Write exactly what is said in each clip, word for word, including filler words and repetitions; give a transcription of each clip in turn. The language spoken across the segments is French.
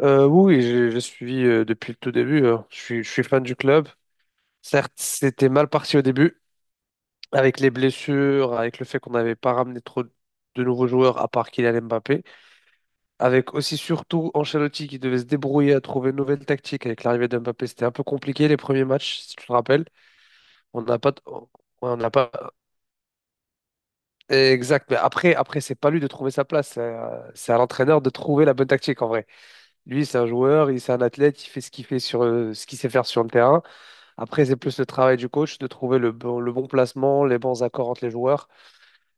Euh, oui, oui, j'ai j'ai suivi euh, depuis le tout début. euh. Je suis, je suis fan du club. Certes, c'était mal parti au début, avec les blessures, avec le fait qu'on n'avait pas ramené trop de nouveaux joueurs à part Kylian Mbappé, avec aussi surtout Ancelotti qui devait se débrouiller à trouver une nouvelle tactique avec l'arrivée de Mbappé. C'était un peu compliqué les premiers matchs, si tu te rappelles. On n'a pas, t- ouais, on n'a pas. Exact. Mais après, après, c'est pas lui de trouver sa place. C'est à c'est à l'entraîneur de trouver la bonne tactique en vrai. Lui, c'est un joueur, il c'est un athlète, il fait ce qu'il fait sur euh, ce qu'il sait faire sur le terrain. Après, c'est plus le travail du coach de trouver le bon, le bon placement, les bons accords entre les joueurs.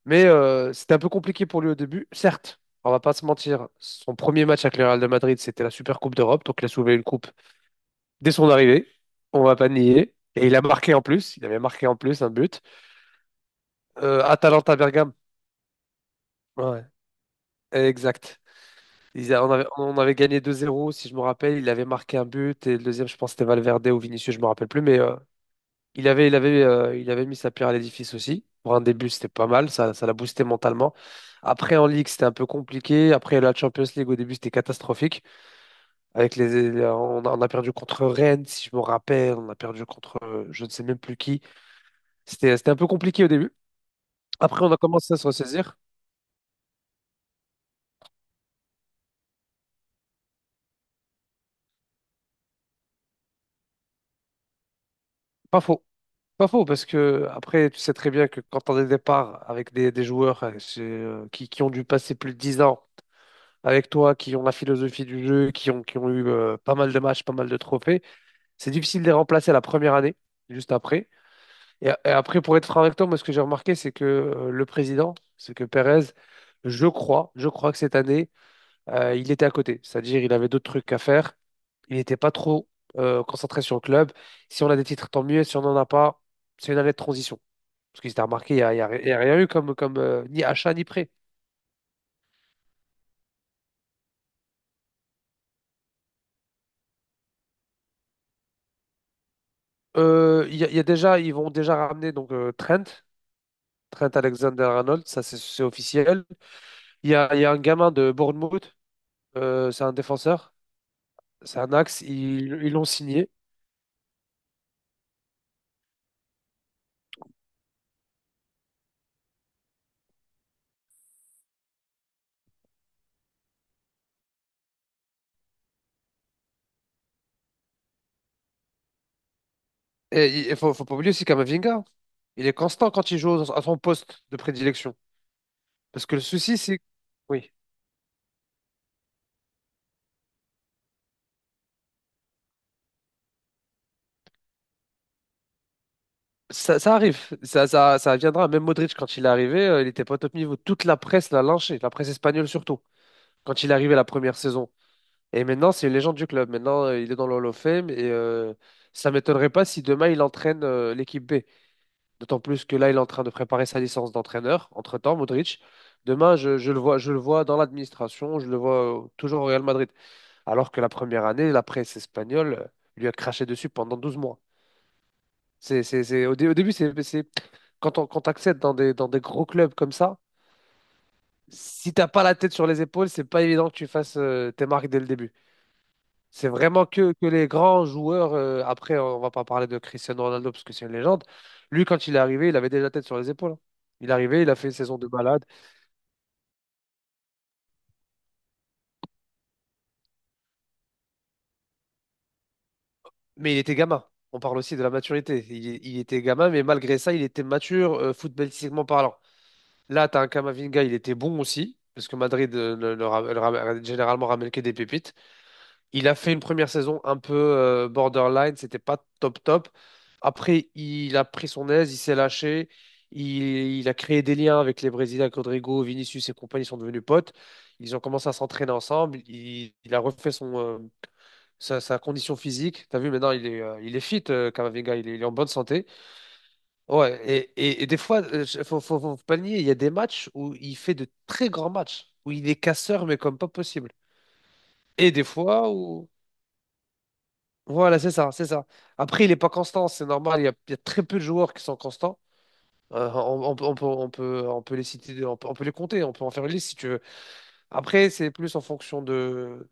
Mais euh, c'était un peu compliqué pour lui au début. Certes, on va pas se mentir, son premier match avec le Real de Madrid, c'était la Super Coupe d'Europe. Donc, il a soulevé une coupe dès son arrivée. On va pas nier. Et il a marqué en plus. Il avait marqué en plus un but. Euh, Atalanta Bergame. Ouais, exact. Ils a- on avait, on avait gagné deux zéro, si je me rappelle. Il avait marqué un but. Et le deuxième, je pense, c'était Valverde ou Vinicius, je me rappelle plus. Mais euh, Il avait, il avait, euh, il avait mis sa pierre à l'édifice aussi. Pour un début, c'était pas mal. Ça, ça l'a boosté mentalement. Après, en Ligue, c'était un peu compliqué. Après, la Champions League, au début, c'était catastrophique. Avec les, les- on a, on a perdu contre Rennes, si je me rappelle. On a perdu contre euh, je ne sais même plus qui. C'était, c'était un peu compliqué au début. Après, on a commencé à se ressaisir. Pas faux. Pas faux, parce que après, tu sais très bien que quand on a des départs avec des, des joueurs euh, c'est, euh, qui, qui ont dû passer plus de dix ans. Avec toi, qui ont la philosophie du jeu, qui ont, qui ont eu euh, pas mal de matchs, pas mal de trophées. C'est difficile de les remplacer la première année, juste après. Et, et après, pour être franc avec toi, moi, ce que j'ai remarqué, c'est que euh, le président, c'est que Pérez, je crois, je crois que cette année, euh, il était à côté. C'est-à-dire, il avait d'autres trucs à faire. Il n'était pas trop euh, concentré sur le club. Si on a des titres, tant mieux. Si on n'en a pas, c'est une année de transition. Parce qu'il s'est remarqué, il n'y a, il y a- il y a rien eu comme, comme euh, ni achat ni prêt. Euh, Il y, a il y a déjà, Ils vont déjà ramener donc euh, Trent. Trent Alexander-Arnold, ça c'est c'est officiel. Il y a, il y a un gamin de Bournemouth, euh, c'est un défenseur, c'est un axe, ils ils l'ont signé. Et il faut, faut pas oublier aussi Camavinga, il est constant quand il joue à son poste de prédilection. Parce que le souci, c'est. Oui, ça, ça arrive, ça, ça, ça viendra. Même Modric, quand il est arrivé, euh, il était pas au top niveau. Toute la presse l'a lynché, la presse espagnole surtout, quand il est arrivé la première saison. Et maintenant, c'est une légende du club. Maintenant, euh, il est dans le Hall of Fame et euh, ça m'étonnerait pas si demain, il entraîne euh, l'équipe B. D'autant plus que là, il est en train de préparer sa licence d'entraîneur. Entre-temps, Modric, demain, je, je le vois, je le vois dans l'administration, je le vois euh, toujours au Real Madrid. Alors que la première année, la presse espagnole euh, lui a craché dessus pendant douze mois. C'est, c'est, c'est- au, dé- au début, c'est, c'est- quand on, quand t'accèdes dans des, dans des gros clubs comme ça, si t'as pas la tête sur les épaules, c'est pas évident que tu fasses euh, tes marques dès le début. C'est vraiment que, que les grands joueurs. euh, après, on va pas parler de Cristiano Ronaldo parce que c'est une légende. Lui, quand il est arrivé, il avait déjà la tête sur les épaules, hein. Il est arrivé, il a fait une saison de malade. Mais il était gamin. On parle aussi de la maturité. Il, il était gamin, mais malgré ça, il était mature, euh, footballistiquement parlant. Là, tu as un Camavinga, il était bon aussi, parce que Madrid euh, ne- ne ra- ne ra- généralement ramène que des pépites. Il a fait une première saison un peu euh, borderline, c'était pas top top. Après, il a pris son aise, il s'est lâché, il, il a créé des liens avec les Brésiliens, avec Rodrigo, Vinicius et compagnie ils sont devenus potes. Ils ont commencé à s'entraîner ensemble, il, il a refait son, euh, sa, sa condition physique. T'as vu, maintenant, il est, euh, il est fit, euh, Camavinga, il est, il est en bonne santé. Ouais, et et, et des fois, euh, je- faut, faut, faut pas le nier, il y a des matchs où il fait de très grands matchs, où il est casseur, mais comme pas possible. Et des fois où. Voilà, c'est ça, c'est ça. Après, il n'est pas constant, c'est normal. Il y a, il y a très peu de joueurs qui sont constants. Euh, on, on peut, on peut, on peut, on peut les citer, on peut, on peut les compter, on peut en faire une liste si tu veux. Après, c'est plus en fonction de,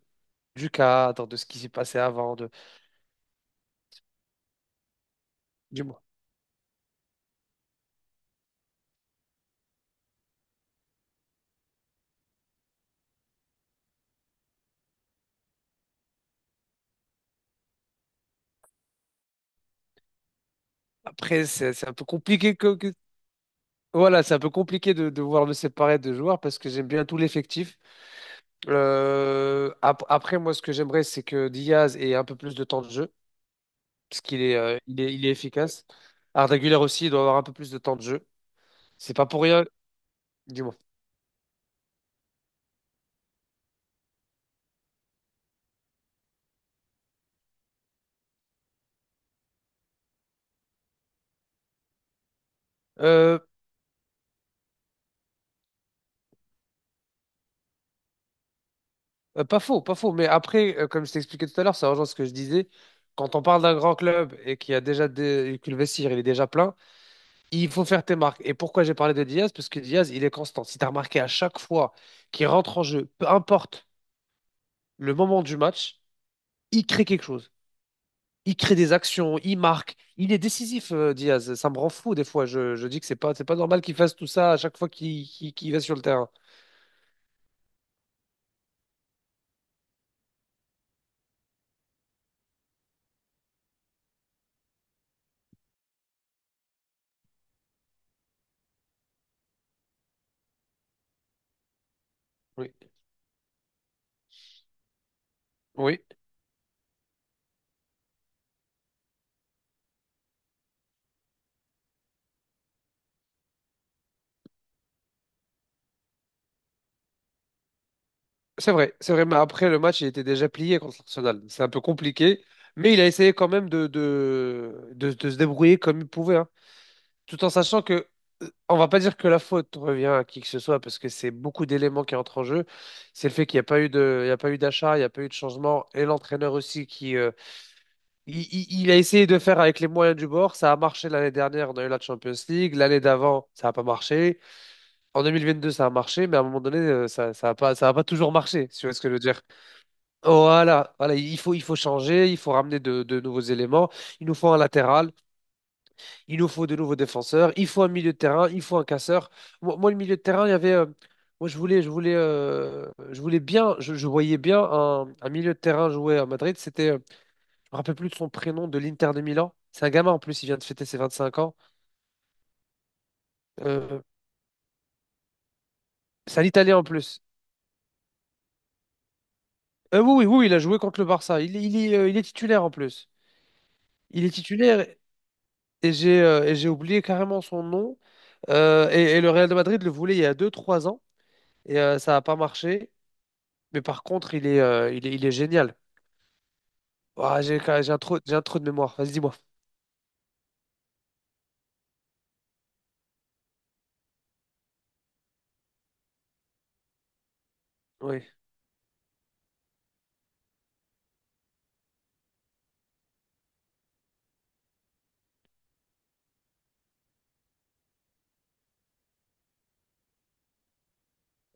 du cadre, de ce qui s'est passé avant, de, du mois. Après, c'est c'est un peu compliqué que, que- voilà, c'est un peu compliqué de, de vouloir me séparer de joueurs parce que j'aime bien tout l'effectif. Euh, ap- après, moi, ce que j'aimerais, c'est que Diaz ait un peu plus de temps de jeu parce qu'il est, euh, il est, il est efficace. Arda Güler aussi, il doit avoir un peu plus de temps de jeu. C'est pas pour rien, dis-moi. Euh, euh, pas faux, pas faux. Mais après, euh, comme je t'expliquais tout à l'heure, ça rejoint ce que je disais. Quand on parle d'un grand club et qu'il y a déjà des... que le vestiaire il est déjà plein, il faut faire tes marques. Et pourquoi j'ai parlé de Diaz? Parce que Diaz, il est constant. Si tu as remarqué à chaque fois qu'il rentre en jeu, peu importe le moment du match, il crée quelque chose. Il crée des actions, il marque. Il est décisif, euh, Diaz. Ça me rend fou des fois. Je, je dis que c'est pas, c'est pas normal qu'il fasse tout ça à chaque fois qu'il qu'il qu'il va sur le terrain. Oui. Oui. C'est vrai, c'est vrai, mais après le match, il était déjà plié contre l'Arsenal. C'est un peu compliqué, mais il a essayé quand même de, de, de, de se débrouiller comme il pouvait, hein. Tout en sachant que, euh, on va pas dire que la faute revient à qui que ce soit, parce que c'est beaucoup d'éléments qui entrent en jeu. C'est le fait qu'il n'y a pas eu de, il y a pas eu d'achat, il n'y a pas eu de changement, et l'entraîneur aussi qui, euh, il, il- il a essayé de faire avec les moyens du bord. Ça a marché l'année dernière, on a eu la Champions League. L'année d'avant, ça n'a pas marché. En deux mille vingt deux, ça a marché, mais à un moment donné, euh, ça, ça a pas, ça a pas toujours marché, si tu vois ce que je veux dire. Voilà, voilà, il faut, il faut changer, il faut ramener de, de nouveaux éléments. Il nous faut un latéral, il nous faut de nouveaux défenseurs, il faut un milieu de terrain, il faut un casseur. Moi, moi, le milieu de terrain, il y avait, euh, moi, je voulais, je voulais, euh, je voulais bien, je, je voyais bien un, un milieu de terrain jouer à Madrid. C'était, euh, je me rappelle plus de son prénom, de l'Inter de Milan. C'est un gamin en plus, il vient de fêter ses vingt-cinq ans. Euh, c'est un Italien en plus. Euh, oui, oui, oui, il a joué contre le Barça. Il, est- il est, euh, il est titulaire en plus. Il est titulaire et j'ai euh, et j'ai oublié carrément son nom. Euh, et, et le Real de Madrid le voulait il y a deux trois ans et euh, ça n'a pas marché. Mais par contre, il est, euh, il est, il est génial. Ah, j'ai j'ai un trou, j'ai un trou de mémoire. Vas-y, dis-moi. Oui.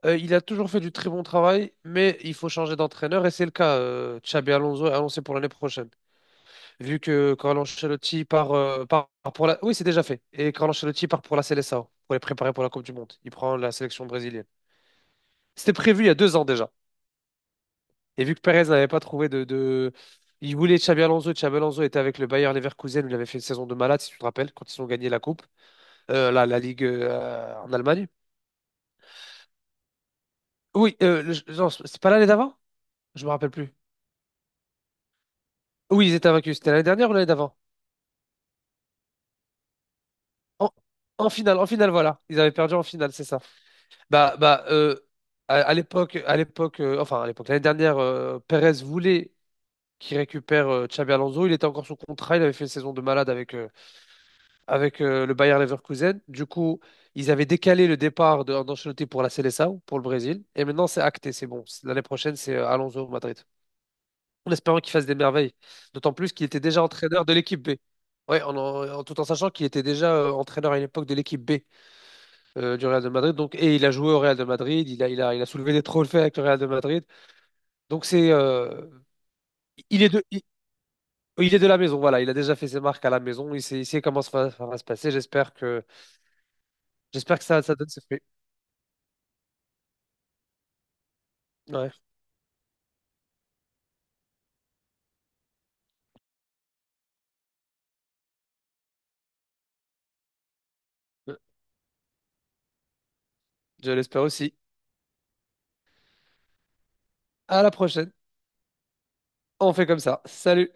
Euh, il a toujours fait du très bon travail, mais il faut changer d'entraîneur et c'est le cas. euh, Xabi Alonso est annoncé pour l'année prochaine. Vu que Carlo Ancelotti part, euh, part pour la. Oui, c'est déjà fait. Et Carlo Ancelotti part pour la Seleção, pour les préparer pour la Coupe du Monde. Il prend la sélection brésilienne. C'était prévu il y a deux ans déjà. Et vu que Perez n'avait pas trouvé de, de- Il voulait Xabi Alonso. Xabi Alonso était avec le Bayer Leverkusen où il avait fait une saison de malade, si tu te rappelles, quand ils ont gagné la Coupe, euh, la, la Ligue euh, en Allemagne. Oui, euh, le- non, c'est pas l'année d'avant? Je me rappelle plus. Oui, ils étaient vaincus. C'était l'année dernière ou l'année d'avant? En, en finale, en finale, voilà. Ils avaient perdu en finale, c'est ça. Bah, bah, euh, à, à l'époque, à l'époque, euh, enfin, à l'époque, l'année dernière, euh, Perez voulait qu'il récupère euh, Xabi Alonso. Il était encore sous contrat. Il avait fait une saison de malade avec, euh, avec euh, le Bayer Leverkusen. Du coup, ils avaient décalé le départ de Ancelotti pour la Seleção, pour le Brésil. Et maintenant, c'est acté, c'est bon. C'est- L'année prochaine, c'est euh, Alonso au Madrid. En espérant qu'il fasse des merveilles. D'autant plus qu'il était déjà entraîneur de l'équipe B. Ouais, en, en- tout en sachant qu'il était déjà euh, entraîneur à une époque de l'équipe B euh, du Real de Madrid. Donc, et il a joué au Real de Madrid, il a, il a, il a soulevé des trophées avec le Real de Madrid. Donc c'est, euh, il est de, il, il est de la maison. Voilà, il a déjà fait ses marques à la maison. Il sait, il sait comment ça va, ça va se passer. J'espère que, j'espère que ça, ça donne ses fruits. Ouais. Je l'espère aussi. À la prochaine. On fait comme ça. Salut.